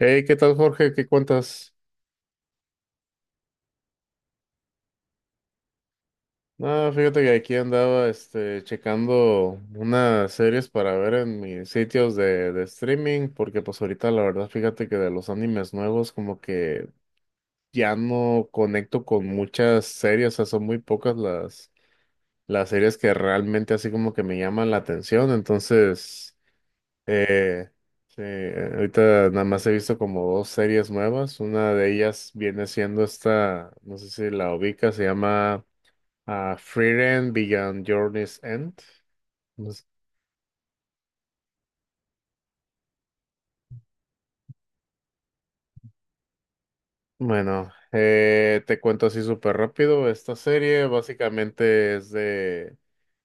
Hey, ¿qué tal, Jorge? ¿Qué cuentas? Ah, fíjate que aquí andaba, checando unas series para ver en mis sitios de streaming, porque pues ahorita la verdad, fíjate que de los animes nuevos como que ya no conecto con muchas series, o sea, son muy pocas las series que realmente así como que me llaman la atención, entonces, eh, sí, ahorita nada más he visto como dos series nuevas, una de ellas viene siendo esta, no sé si la ubicas, se llama... Ah, Frieren Beyond Journey's End. No sé. Bueno, te cuento así súper rápido. Esta serie básicamente es de...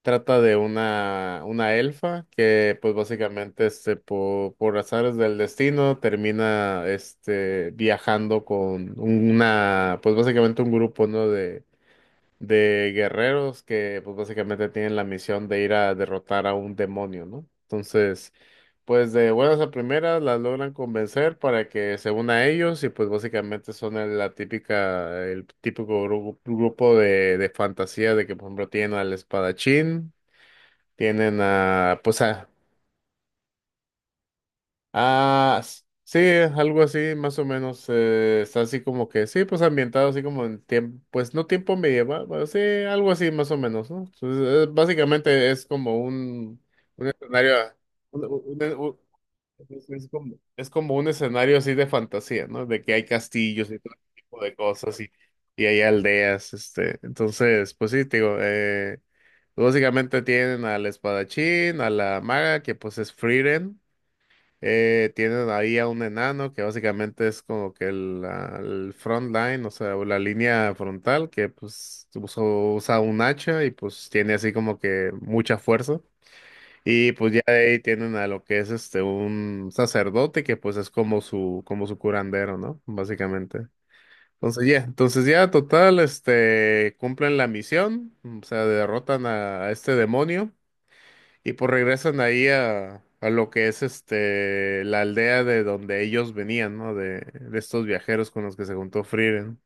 Trata de una elfa que pues básicamente por azares del destino termina viajando con una, pues básicamente un grupo, ¿no?, de guerreros que pues básicamente tienen la misión de ir a derrotar a un demonio, ¿no? Entonces... Pues de buenas a primeras las logran convencer para que se una a ellos y pues básicamente son la típica, el típico grupo de fantasía de que por ejemplo tienen al espadachín, tienen a, pues a, ah, sí, algo así, más o menos. Está así como que, sí, pues ambientado así como en tiempo, pues no tiempo medieval, pero sí, algo así, más o menos, ¿no? Entonces, básicamente es como un escenario, un- un- un- es como un escenario así de fantasía, ¿no? De que hay castillos y todo ese tipo de cosas y hay aldeas, Entonces, pues sí, te digo, básicamente tienen al espadachín, a la maga, que pues es Frieren. Tienen ahí a un enano que básicamente es como que el front line, o sea, o la línea frontal, que pues usa un hacha y pues tiene así como que mucha fuerza. Y pues ya de ahí tienen a lo que es un sacerdote que pues es como su curandero, ¿no? Básicamente. Entonces ya total, cumplen la misión, o sea, derrotan a este demonio. Y pues regresan ahí a lo que es la aldea de donde ellos venían, ¿no? De estos viajeros con los que se juntó Frieren.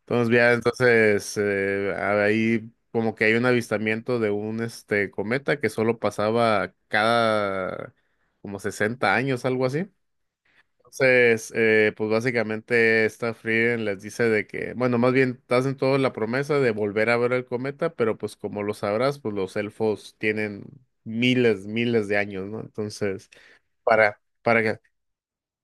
Entonces ya, entonces ahí como que hay un avistamiento de un cometa que solo pasaba cada como 60 años, algo así. Entonces, pues básicamente esta Frieren les dice de que, bueno, más bien hacen toda la promesa de volver a ver el cometa, pero pues como lo sabrás, pues los elfos tienen miles, miles de años, ¿no? Entonces, para que,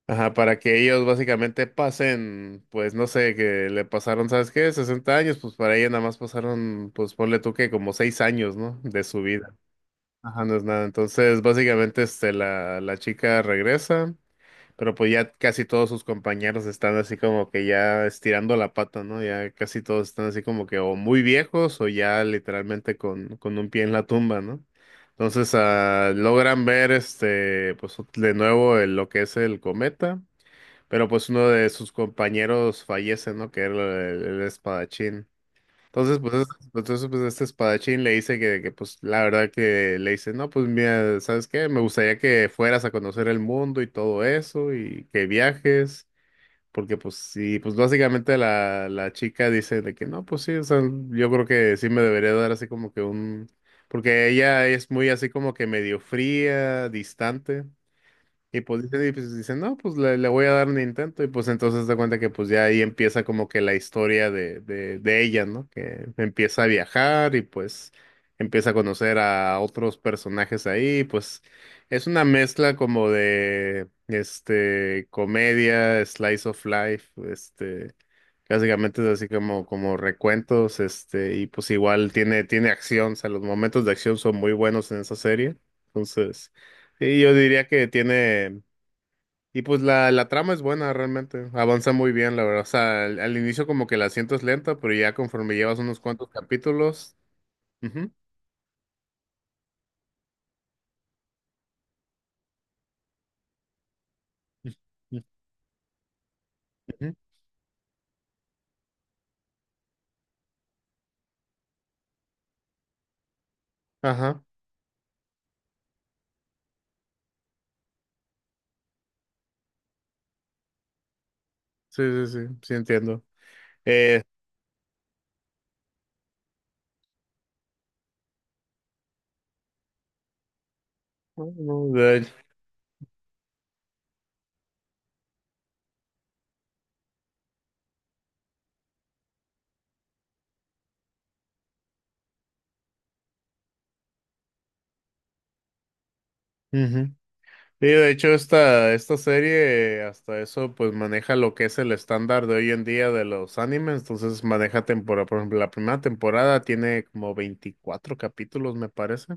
ajá, para que ellos básicamente pasen, pues no sé, que le pasaron, ¿sabes qué? 60 años, pues para ella nada más pasaron, pues ponle tú que como 6 años, ¿no? De su vida. Ajá, no es nada. Entonces, básicamente, la chica regresa. Pero pues ya casi todos sus compañeros están así como que ya estirando la pata, ¿no? Ya casi todos están así como que o muy viejos o ya literalmente con un pie en la tumba, ¿no? Entonces logran ver pues de nuevo lo que es el cometa, pero pues uno de sus compañeros fallece, ¿no? Que era el espadachín. Entonces, pues, pues, entonces, pues este espadachín le dice pues, la verdad que le dice, no, pues, mira, ¿sabes qué? Me gustaría que fueras a conocer el mundo y todo eso y que viajes, porque, pues, sí, pues, básicamente la chica dice de que, no, pues, sí, o sea, yo creo que sí me debería dar así como que un, porque ella es muy así como que medio fría, distante. Y pues dice, no, pues le voy a dar un intento. Y pues entonces da cuenta que pues ya ahí empieza como que la historia de ella, ¿no? Que empieza a viajar y pues empieza a conocer a otros personajes ahí. Pues es una mezcla como de, comedia, slice of life, básicamente es así como, como recuentos, y pues igual tiene acción, o sea, los momentos de acción son muy buenos en esa serie. Entonces... Sí, yo diría que tiene. Y pues la trama es buena realmente, avanza muy bien, la verdad. O sea, al inicio como que la sientes lenta, pero ya conforme llevas unos cuantos capítulos. Ujú, ujú, ujú. Ajá, sí, sí, sí, sí entiendo. Eh, bueno, de, ujú. Sí, de hecho esta serie hasta eso pues maneja lo que es el estándar de hoy en día de los animes, entonces maneja temporada, por ejemplo, la primera temporada tiene como 24 capítulos me parece.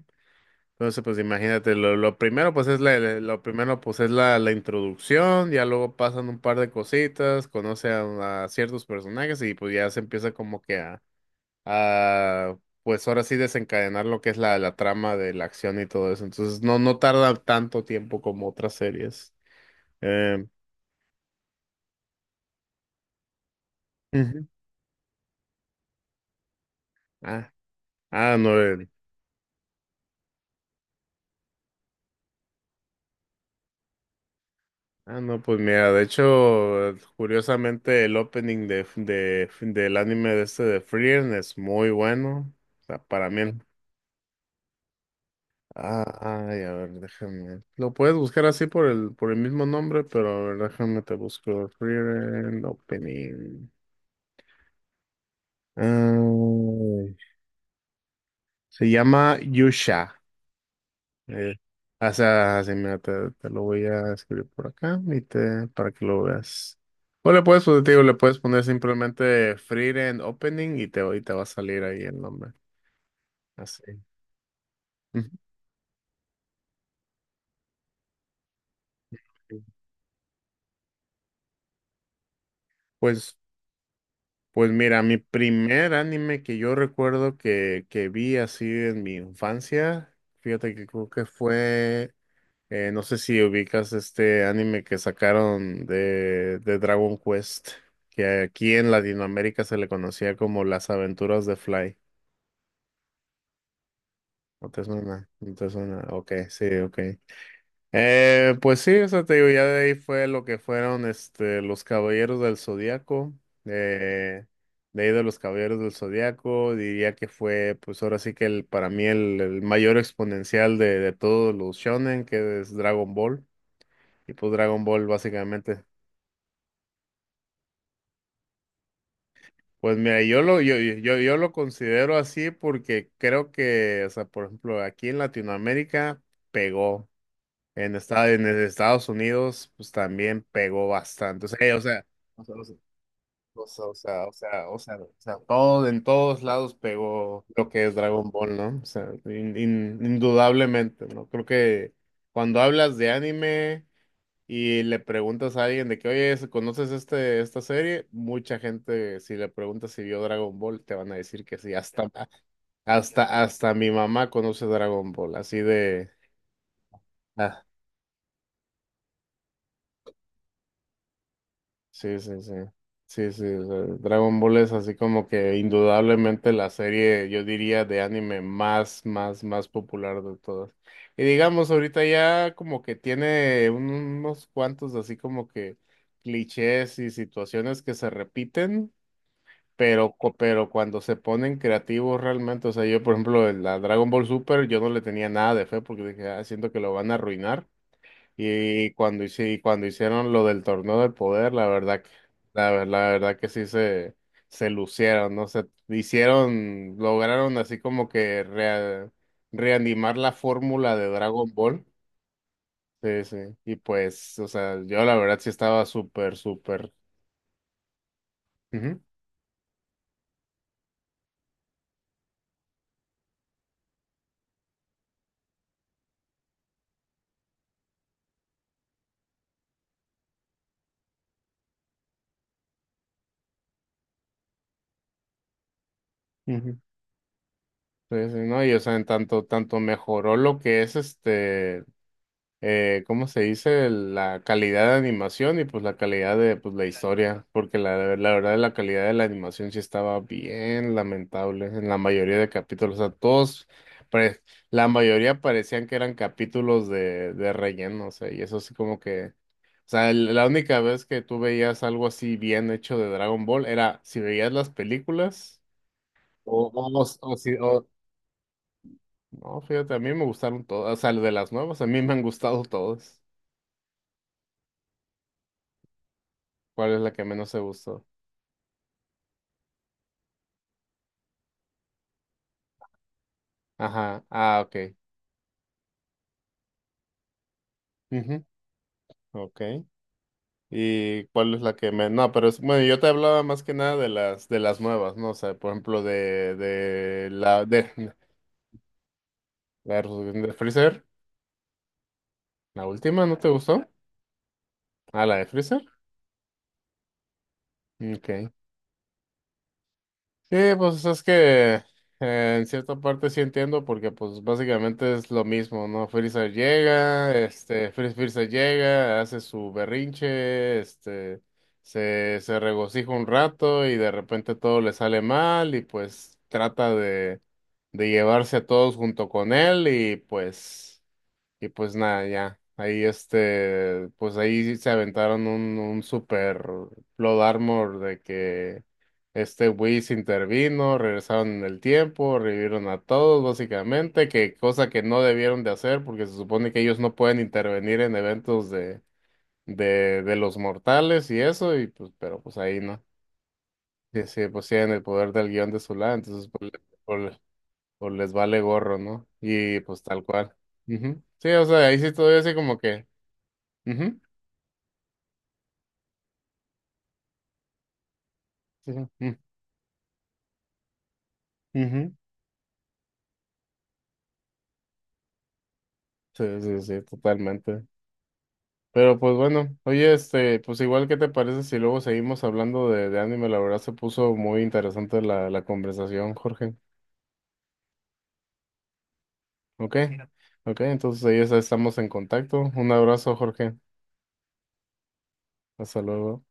Entonces, pues imagínate, lo primero, pues es lo primero, pues es la introducción, ya luego pasan un par de cositas, conoce a ciertos personajes y pues ya se empieza como que a, pues ahora sí desencadenar lo que es la trama de la acción y todo eso. Entonces, no tarda tanto tiempo como otras series. Eh, ujú. Ah, no, ah, no, pues mira, de hecho, curiosamente el opening del anime de de Frieren es muy bueno. O sea, para mí, ah, ay, a ver, déjame. Lo puedes buscar así por el mismo nombre, pero a ver, déjame te busco. Friend Opening. Ay, se llama Yusha. Eh, o sea, así, mira, te lo voy a escribir por acá y te, para que lo veas. O le puedes, pues, te digo, le puedes poner simplemente Friend Opening y te va a salir ahí el nombre. Así. Ujú. Pues. Pues mira, mi primer anime que yo recuerdo que vi así en mi infancia, fíjate que creo que fue, no sé si ubicas este anime que sacaron de Dragon Quest, que aquí en Latinoamérica se le conocía como Las Aventuras de Fly. ¿No te suena? ¿No te suena? Ok, sí, ok. Pues sí, o sea, te digo, ya de ahí fue lo que fueron los Caballeros del Zodiaco, eh, de ahí de los Caballeros del Zodiaco, diría que fue, pues ahora sí que el, para mí el mayor exponencial de todos los shonen, que es Dragon Ball. Y pues Dragon Ball básicamente. Pues mira, yo lo, yo, yo, yo yo lo considero así porque creo que, o sea, por ejemplo, aquí en Latinoamérica pegó. En Estados Unidos, pues también pegó bastante. O sea, todo, en todos lados pegó lo que es Dragon Ball, ¿no? O sea, indudablemente, ¿no? Creo que cuando hablas de anime y le preguntas a alguien de que, oye, ¿conoces este, esta serie? Mucha gente, si le preguntas si vio Dragon Ball, te van a decir que sí. Hasta mi mamá conoce Dragon Ball, así de... ah, Sí, sí, sí. Sí, sí, o sea, Dragon Ball es así como que indudablemente la serie, yo diría, de anime más, más, más popular de todas. Y digamos, ahorita ya como que tiene unos cuantos así como que clichés y situaciones que se repiten, pero, pero cuando se ponen creativos realmente, o sea, yo por ejemplo, en la Dragon Ball Super, yo no le tenía nada de fe porque dije, ah, siento que lo van a arruinar. Y cuando, y cuando hicieron lo del torneo del poder, la verdad que, la verdad que sí se lucieron, ¿no? Se hicieron, lograron así como que reanimar la fórmula de Dragon Ball. Sí, sí. Y pues, o sea, yo la verdad sí estaba súper, súper. Ujú, ujú. Sí, sí, ¿no? Y o sea, en tanto, tanto mejoró lo que es este. ¿Cómo se dice? La calidad de animación y pues la calidad de pues, la historia, porque la verdad la calidad de la animación sí estaba bien lamentable en la mayoría de capítulos, o sea, todos, pare- la mayoría parecían que eran capítulos de relleno, o sea, y eso así como que, o sea, la única vez que tú veías algo así bien hecho de Dragon Ball era si veías las películas o si, o, no, fíjate, a mí me gustaron todas, o sea, de las nuevas, a mí me han gustado todas. ¿Cuál es la que menos te gustó? Ajá. Ah, ok. Ujú, ok. ¿Y cuál es la que menos? No, pero es, bueno, yo te hablaba más que nada de las de las nuevas, ¿no? O sea, por ejemplo, la de Freezer. ¿La última no te gustó? Ah, la de Freezer. Ok. Sí, pues es que en cierta parte sí entiendo porque pues básicamente es lo mismo, ¿no? Frieza llega, Frieza llega, hace su berrinche, se regocija un rato y de repente todo le sale mal y pues trata de llevarse a todos junto con él y pues... Y pues nada, ya. Ahí pues ahí sí se aventaron un super Blood Armor de que Whis intervino, regresaron en el tiempo, revivieron a todos básicamente, que cosa que no debieron de hacer porque se supone que ellos no pueden intervenir en eventos de los mortales y eso, y pues, pero pues ahí no. Sí, sí, pues tienen el poder del guión de su lado, entonces pues, pues les vale gorro, ¿no? Y pues tal cual. Ujú. Sí, o sea, ahí sí todavía así como que ujú, sí, sí, mm, ujú. Sí, sí, sí, totalmente. Pero pues bueno, oye, pues igual, ¿qué te parece si luego seguimos hablando de anime? La verdad se puso muy interesante la conversación, Jorge. ¿Ok? Ok, entonces ahí ya estamos en contacto. Un abrazo, Jorge. Hasta luego.